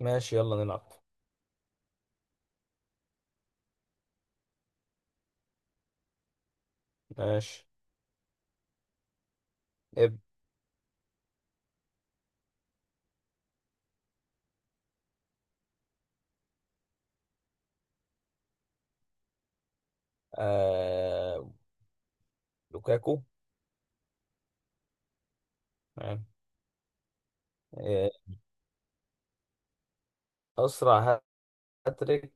ماشي، يلا نلعب. ماشي. ابدأ. آه... لوكاكو. تمام. آه... أسرع. هاتريك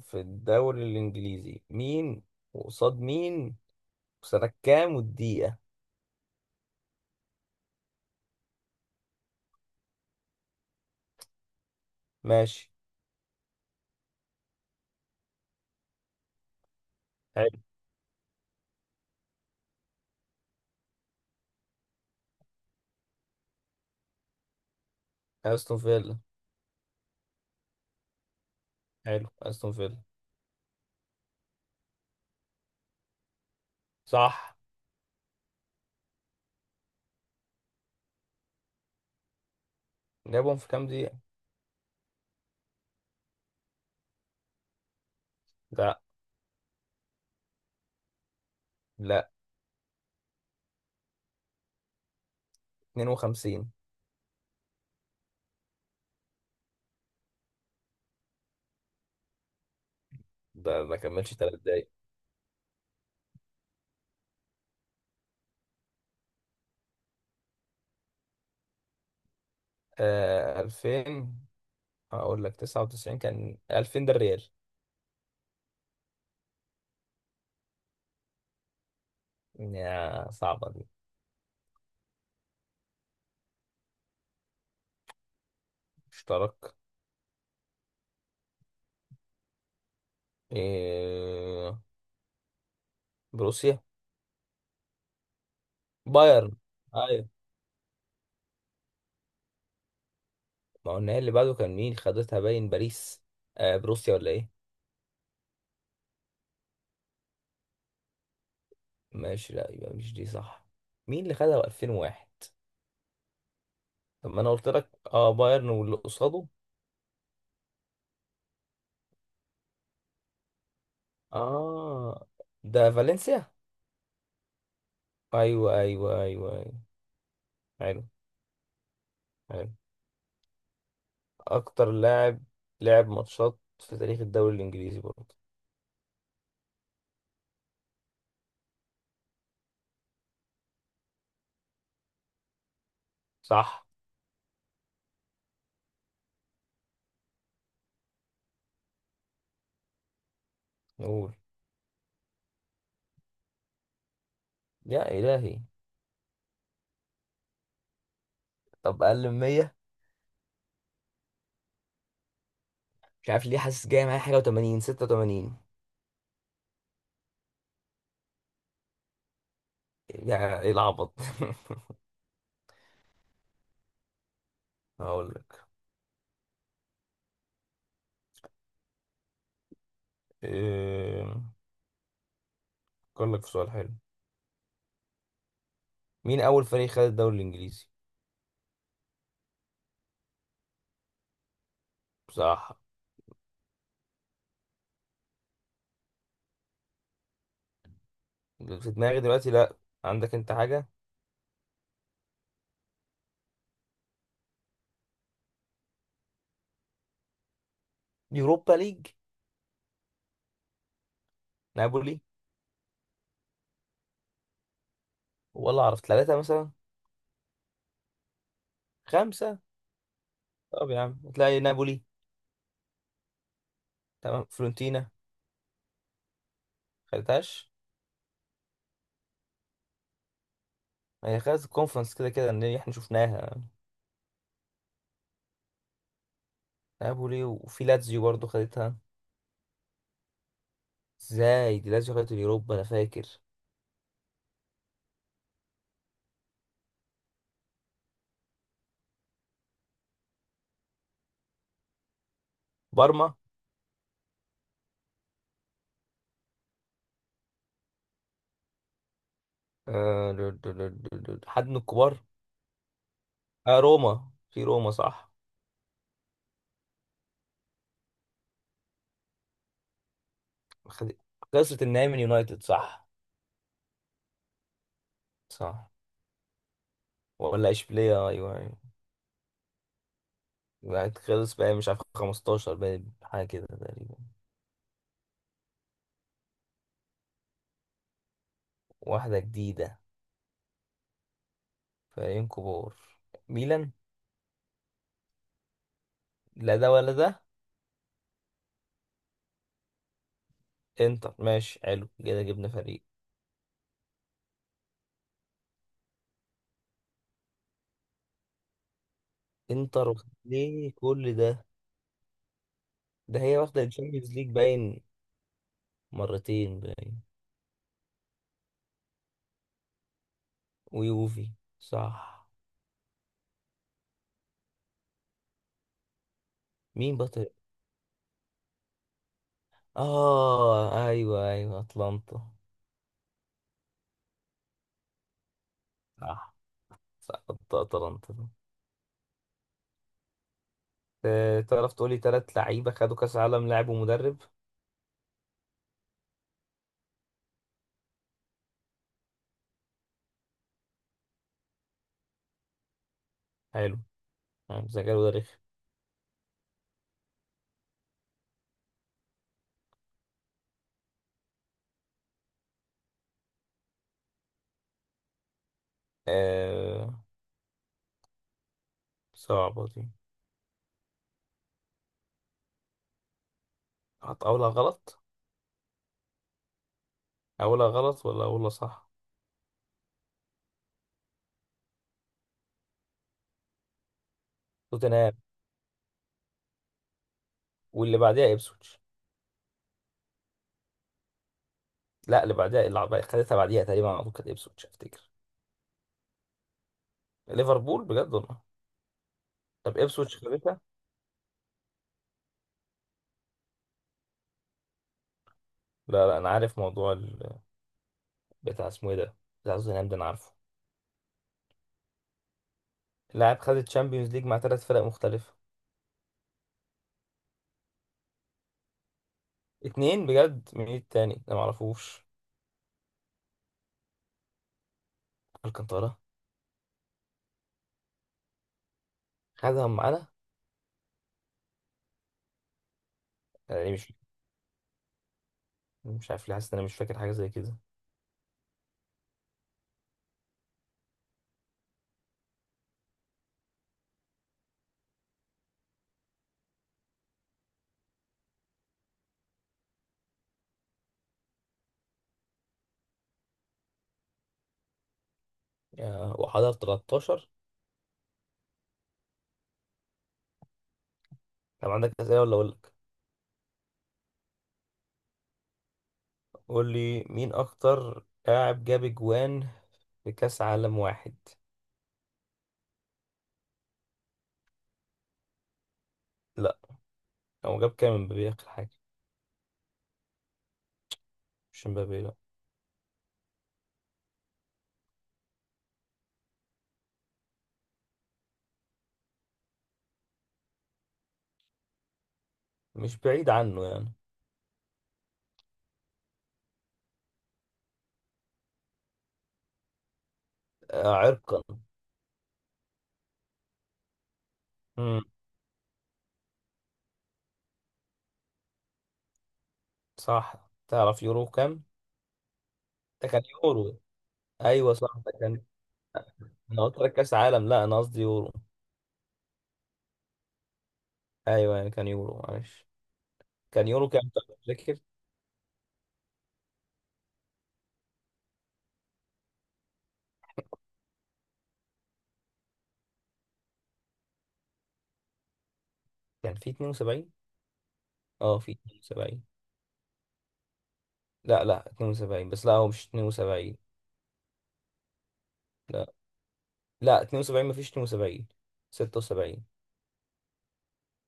في الدوري الإنجليزي مين، وقصاد مين، وسنة كام والدقيقة؟ ماشي. حلو، أستون فيلا. حلو، أستون فيلا صح. جابهم في كام دقيقة؟ لا، لا، 52. ده ما كملش 3 دقايق. 2000. هقول لك 99 كان، 2000 ده الريال. يا صعبة دي. اشترك. إيه، بروسيا. بايرن. ايوه، ما هو النهائي اللي بعده كان مين؟ خدتها باين باريس. آه، بروسيا ولا ايه؟ ماشي، لا، يبقى مش دي صح. مين اللي خدها 2001؟ طب ما انا قلت لك اه، بايرن واللي قصاده. اه، ده فالنسيا. ايوه ايوه ايوه ايوه. حلو. حلو. اكتر لاعب لعب ماتشات في تاريخ الدوري الانجليزي برضه. صح. نقول. يا الهي. طب اقل من 100. مش عارف ليه، حاسس جاي معايا حاجه، و80، 86. يا ايه العبط. هقول لك. إيه... أفكر لك في سؤال حلو. مين أول فريق خد الدوري الإنجليزي؟ بصراحة، في دماغي دلوقتي لأ. عندك أنت حاجة؟ يوروبا ليج. نابولي. والله أعرف ثلاثة مثلا. خمسة. طب يا عم تلاقي نابولي. تمام. فلورنتينا. خدتهاش. هي خدت الكونفرنس، كده كده إن إحنا شفناها. نابولي، وفي لاتزيو برضه خدتها. إزاي؟ دي لاتزيو خدت اليوروبا أنا فاكر. بارما. آه. حد من الكبار؟ آه، روما، في روما صح. خد... خسرت النهائي من يونايتد صح. صح. ولا اشبيليه، ايوه ايوه. بعد خلص بقى، مش عارف، 15 بقى حاجه كده تقريبا. واحده جديده. فريقين كبار. ميلان. لا ده ولا ده. انتر. ماشي حلو، كده جبنا فريق. انتر، ليه كل ده؟ ده هي واخده الشامبيونز ليج باين، مرتين باين. ويوفي. صح. مين بطل؟ اه ايوه ايوه، اتلانتا. صح. صح، اتلانتا. آه، تعرف تقولي تلات لعيبة خدوا كأس عالم لاعب ومدرب؟ حلو. يعني ذكاء وده رخم. آه. صعبة دي. أقولها غلط. أقولها غلط ولا أقولها صح؟ توتنهام. واللي بعديها إبسويتش. لا، اللي بعديها، خدتها بعديها تقريبا على طول، كانت إبسويتش أفتكر. ليفربول؟ بجد والله. طب إبسويتش خدتها. لا لا، أنا عارف موضوع بتاع اسمه إيه ده، بتاع توتنهام ده أنا عارفه. لاعب خد الشامبيونز ليج مع تلات فرق مختلفة. اتنين؟ بجد؟ مين التاني ده؟ معرفوش. الكانتارا. خدهم معانا. يعني مش عارف ليه، حاسس ان انا مش فاكر حاجه زي كده. وحضر 13. طب عندك اسئله ولا اقول لك؟ قول لي مين اكتر لاعب جاب اجوان في كاس عالم واحد. لا. هو جاب كام امبابي اخر حاجه؟ مش امبابي، لا. مش بعيد عنه يعني. آه، عرقا. امم. صح، تعرف يورو كام؟ ده كان يورو. ايوه صح، ده كان. انا قلت لك كاس عالم، لا انا قصدي يورو. ايوه يعني كان يورو، معلش. كان يورو كام طب؟ فاكر؟ كان في 72. اه، في 72. لا لا، 72 بس، لا هو مش 72. لا لا، 72 مفيش 72. 76.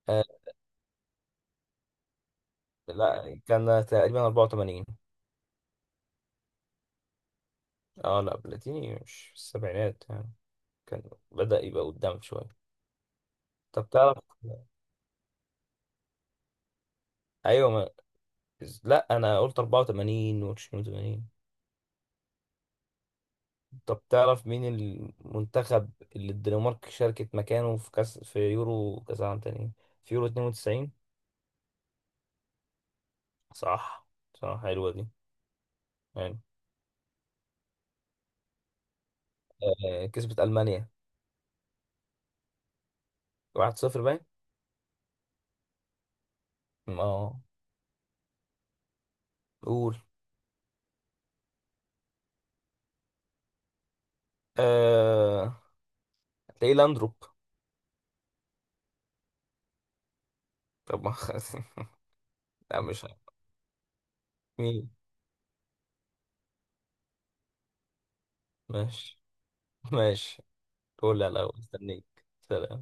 آه لا، كان تقريبا 84. اه لا، بلاتيني مش في السبعينات يعني. كان، بدأ يبقى قدام شوية. طب تعرف؟ ايوه، ما... لا انا قلت 84 و 82. طب تعرف مين المنتخب اللي الدنمارك شاركت مكانه في كاس، في يورو كاس عام تاني؟ في يورو 92. صح. صح، حلوة دي. حلو. آه، كسبت ألمانيا 1-0 باين. اه. قول. آه... تلاقيه لاندروب. طب ما خلاص. لا مش عارف. مين؟ ماشي. ماشي. قول، لا لا استنيك. سلام.